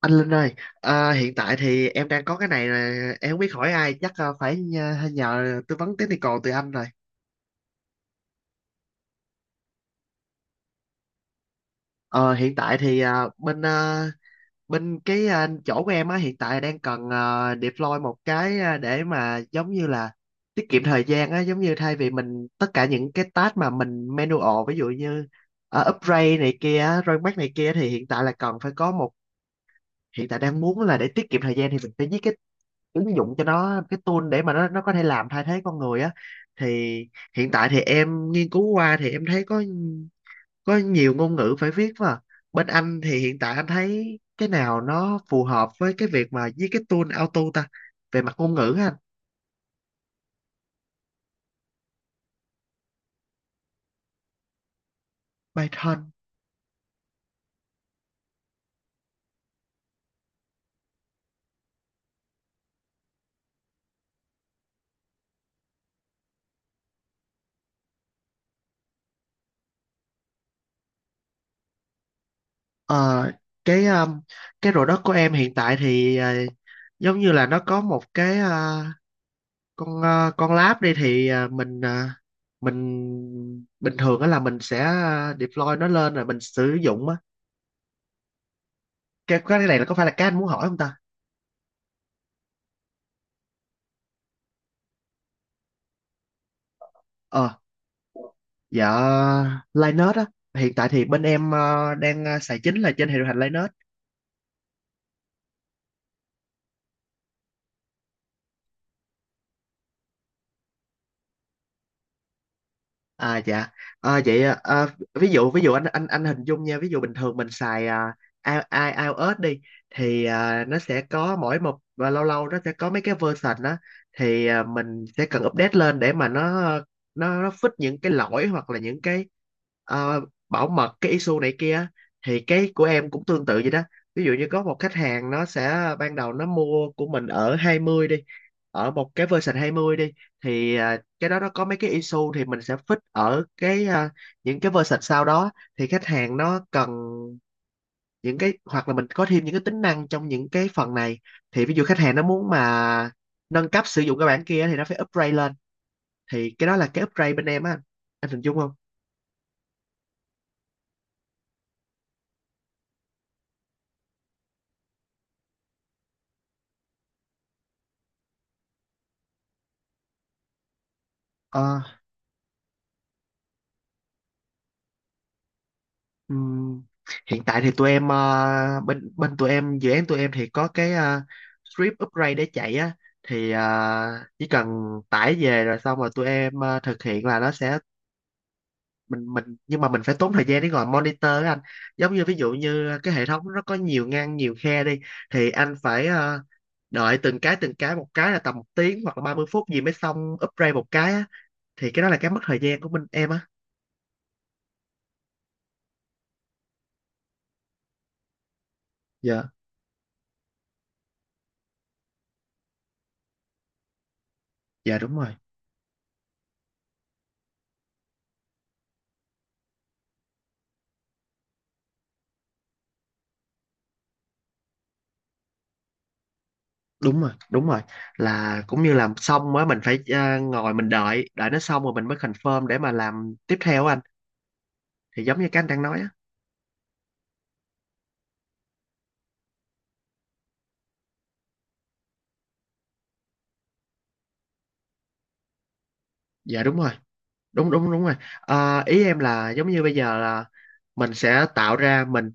Anh Linh ơi, hiện tại thì em đang có cái này là em không biết hỏi ai, chắc phải nhờ tư vấn technical từ anh rồi. Ờ, Hiện tại thì bên cái chỗ của em á hiện tại đang cần deploy một cái để mà giống như là tiết kiệm thời gian á, giống như thay vì mình tất cả những cái task mà mình manual, ví dụ như upgrade này kia, rollback này kia thì hiện tại là cần phải có một hiện tại đang muốn là để tiết kiệm thời gian thì mình phải viết cái ứng dụng cho nó, cái tool để mà nó có thể làm thay thế con người á. Thì hiện tại thì em nghiên cứu qua thì em thấy có nhiều ngôn ngữ phải viết mà bên anh thì hiện tại anh thấy cái nào nó phù hợp với cái việc mà với cái tool auto ta, về mặt ngôn ngữ á anh? Python. Ờ, cái um, cái product của em hiện tại thì giống như là nó có một cái con lab đi, thì mình bình thường đó là mình sẽ deploy nó lên rồi mình sử dụng á. Cái này là có phải là cái anh muốn hỏi không ta? ờ dạ, Linux á. Hiện tại thì bên em xài chính là trên hệ điều hành Linux. À dạ. À, vậy à, à, Ví dụ anh hình dung nha, ví dụ bình thường mình xài iOS đi thì nó sẽ có mỗi một và lâu lâu nó sẽ có mấy cái version đó. Thì mình sẽ cần update lên để mà nó fix những cái lỗi, hoặc là những cái ờ, bảo mật, cái issue này kia á. Thì cái của em cũng tương tự vậy đó. Ví dụ như có một khách hàng, nó sẽ ban đầu nó mua của mình ở 20 đi, ở một cái version 20 đi, thì cái đó nó có mấy cái issue thì mình sẽ fix ở những cái version sau đó. Thì khách hàng nó cần những cái hoặc là mình có thêm những cái tính năng trong những cái phần này, thì ví dụ khách hàng nó muốn mà nâng cấp sử dụng cái bản kia thì nó phải upgrade lên. Thì cái đó là cái upgrade bên em á anh hình dung không? Ờ, ừm, Hiện tại thì tụi em ờ, bên bên tụi em dự án tụi em thì có cái script upgrade để chạy á. Thì chỉ cần tải về rồi xong rồi tụi em thực hiện là nó sẽ mình nhưng mà mình phải tốn thời gian để ngồi monitor á anh. Giống như ví dụ như cái hệ thống nó có nhiều ngăn, nhiều khe đi, thì anh phải đợi từng cái một, cái là tầm một tiếng hoặc là 30 phút gì mới xong upgrade một cái á. Thì cái đó là cái mất thời gian của mình em á. Dạ. Dạ, đúng rồi. Đúng rồi. Là cũng như làm xong á mình phải ngồi mình đợi đợi nó xong rồi mình mới confirm để mà làm tiếp theo á anh, thì giống như cái anh đang nói á. Dạ đúng rồi. Đúng đúng đúng rồi Ờ, ý em là giống như bây giờ là mình sẽ tạo ra mình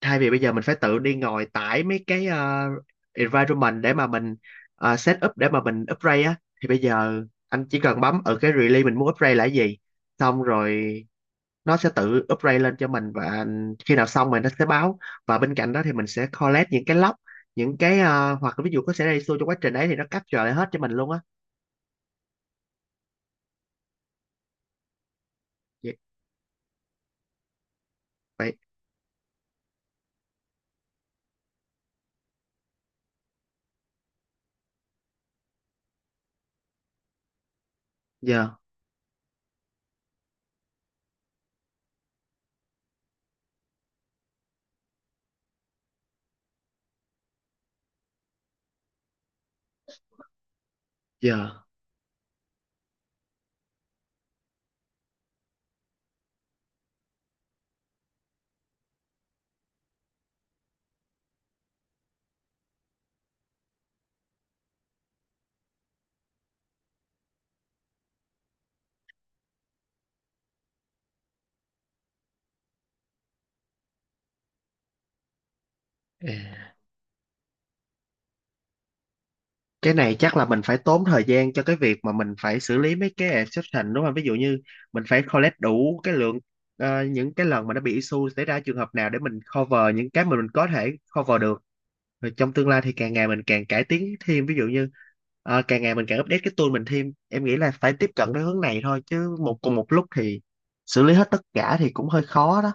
thay vì bây giờ mình phải tự đi ngồi tải mấy cái environment để mà mình set up để mà mình upgrade á, thì bây giờ anh chỉ cần bấm ở cái release mình muốn upgrade là cái gì, xong rồi nó sẽ tự upgrade lên cho mình, và khi nào xong rồi nó sẽ báo. Và bên cạnh đó thì mình sẽ collect những cái log, những cái hoặc là ví dụ có xảy ra issue trong quá trình đấy thì nó capture lại hết cho mình luôn á. Vậy vậy giờ giờ ờ. Cái này chắc là mình phải tốn thời gian cho cái việc mà mình phải xử lý mấy cái exception, đúng không? Ví dụ như mình phải collect đủ cái lượng những cái lần mà nó bị issue, xảy ra trường hợp nào, để mình cover những cái mà mình có thể cover được. Rồi trong tương lai thì càng ngày mình càng cải tiến thêm, ví dụ như càng ngày mình càng update cái tool mình thêm. Em nghĩ là phải tiếp cận cái hướng này thôi, chứ một cùng một lúc thì xử lý hết tất cả thì cũng hơi khó đó.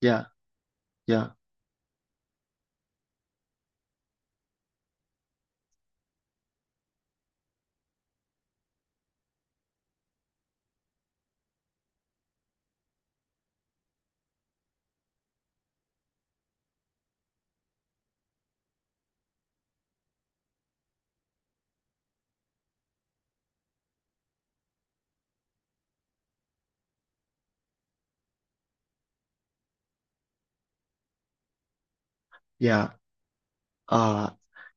Dạ, dạ, dạ. Ờ,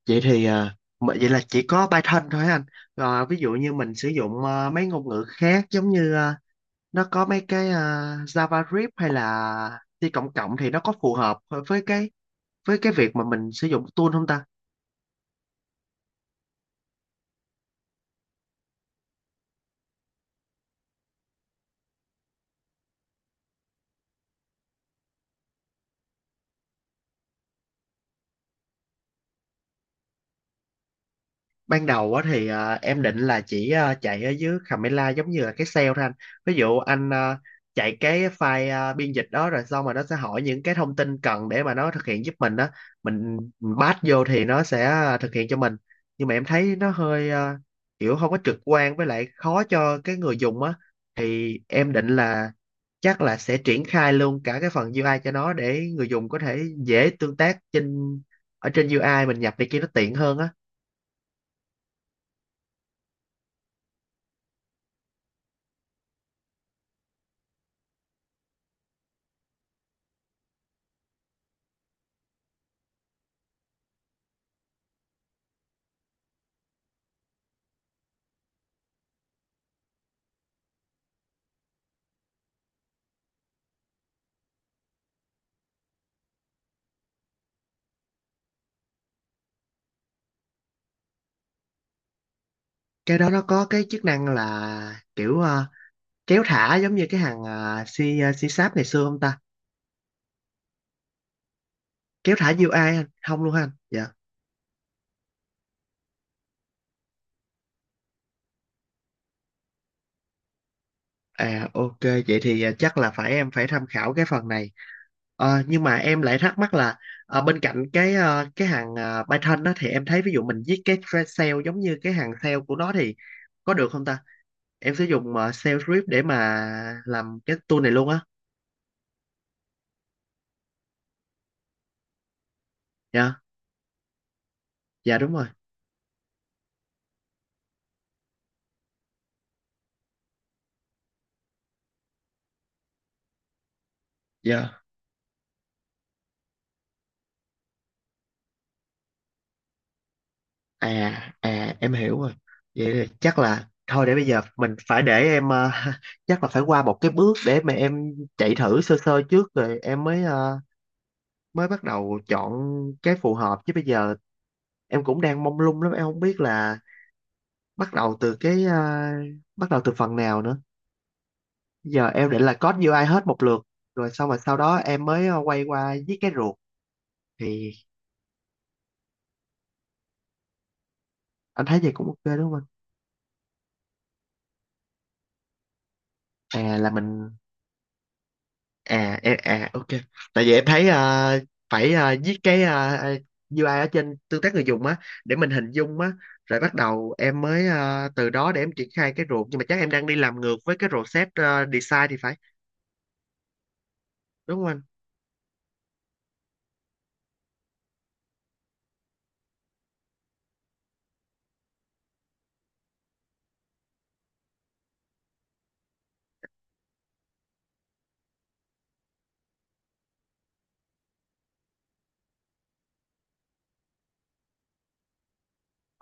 vậy thì vậy là chỉ có Python thôi hả anh? Rồi ví dụ như mình sử dụng mấy ngôn ngữ khác, giống như nó có mấy cái Java Script hay là C cộng cộng, thì nó có phù hợp với với cái việc mà mình sử dụng tool không ta? Ban đầu á thì em định là chỉ chạy ở dưới Camela, giống như là cái sale thôi anh. Ví dụ anh chạy cái file biên dịch đó, rồi xong rồi nó sẽ hỏi những cái thông tin cần để mà nó thực hiện giúp mình đó, mình pass vô thì nó sẽ thực hiện cho mình. Nhưng mà em thấy nó hơi kiểu không có trực quan, với lại khó cho cái người dùng á. Thì em định là chắc là sẽ triển khai luôn cả cái phần UI cho nó, để người dùng có thể dễ tương tác ở trên UI, mình nhập này kia nó tiện hơn á. Cái đó nó có cái chức năng là kiểu kéo thả giống như cái hàng si si sáp ngày xưa không ta? Kéo thả UI anh không luôn hả anh dạ? À ok, vậy thì chắc là em phải tham khảo cái phần này. Ờ, nhưng mà em lại thắc mắc là bên cạnh cái cái hàng Python đó thì em thấy ví dụ mình viết cái thread cell giống như cái hàng cell của nó thì có được không ta, em sử dụng shell script để mà làm cái tool này luôn á? Dạ. Dạ đúng rồi. Dạ. À à em hiểu rồi. Vậy là chắc là thôi, để bây giờ mình phải để em chắc là phải qua một cái bước để mà em chạy thử sơ sơ trước, rồi em mới mới bắt đầu chọn cái phù hợp, chứ bây giờ em cũng đang mông lung lắm, em không biết là bắt đầu từ bắt đầu từ phần nào nữa. Bây giờ em định là code UI hết một lượt rồi xong rồi sau đó em mới quay qua viết cái ruột, thì anh thấy vậy cũng ok đúng không? Anh à là mình à em- À ok. Tại vì em thấy phải viết cái UI ở trên tương tác người dùng á, để mình hình dung á, rồi bắt đầu em mới từ đó để em triển khai cái ruột. Nhưng mà chắc em đang đi làm ngược với cái rổ set design thì phải, đúng không anh?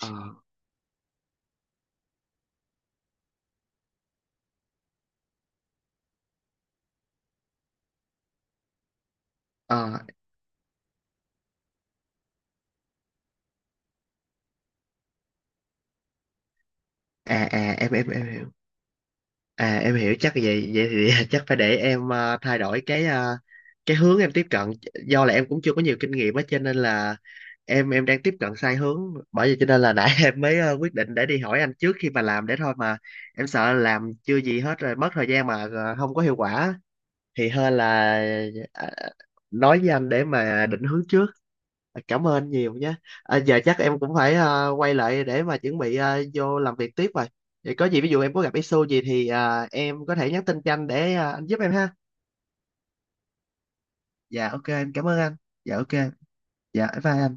ờ ờ em hiểu. À em hiểu. Chắc vậy vậy thì chắc phải để em thay đổi cái hướng em tiếp cận. Do là em cũng chưa có nhiều kinh nghiệm á, cho nên là em đang tiếp cận sai hướng. Bởi vậy cho nên là nãy em mới quyết định để đi hỏi anh trước khi mà làm, để thôi mà em sợ làm chưa gì hết rồi mất thời gian mà không có hiệu quả thì hơn là ờ, nói với anh để mà định hướng trước. Cảm ơn nhiều nhé. À, giờ chắc em cũng phải quay lại để mà chuẩn bị vô làm việc tiếp rồi. Vậy có gì ví dụ em có gặp issue gì thì em có thể nhắn tin cho anh để anh giúp em ha. Dạ ok em cảm ơn anh. Dạ ok. Dạ bye bye anh.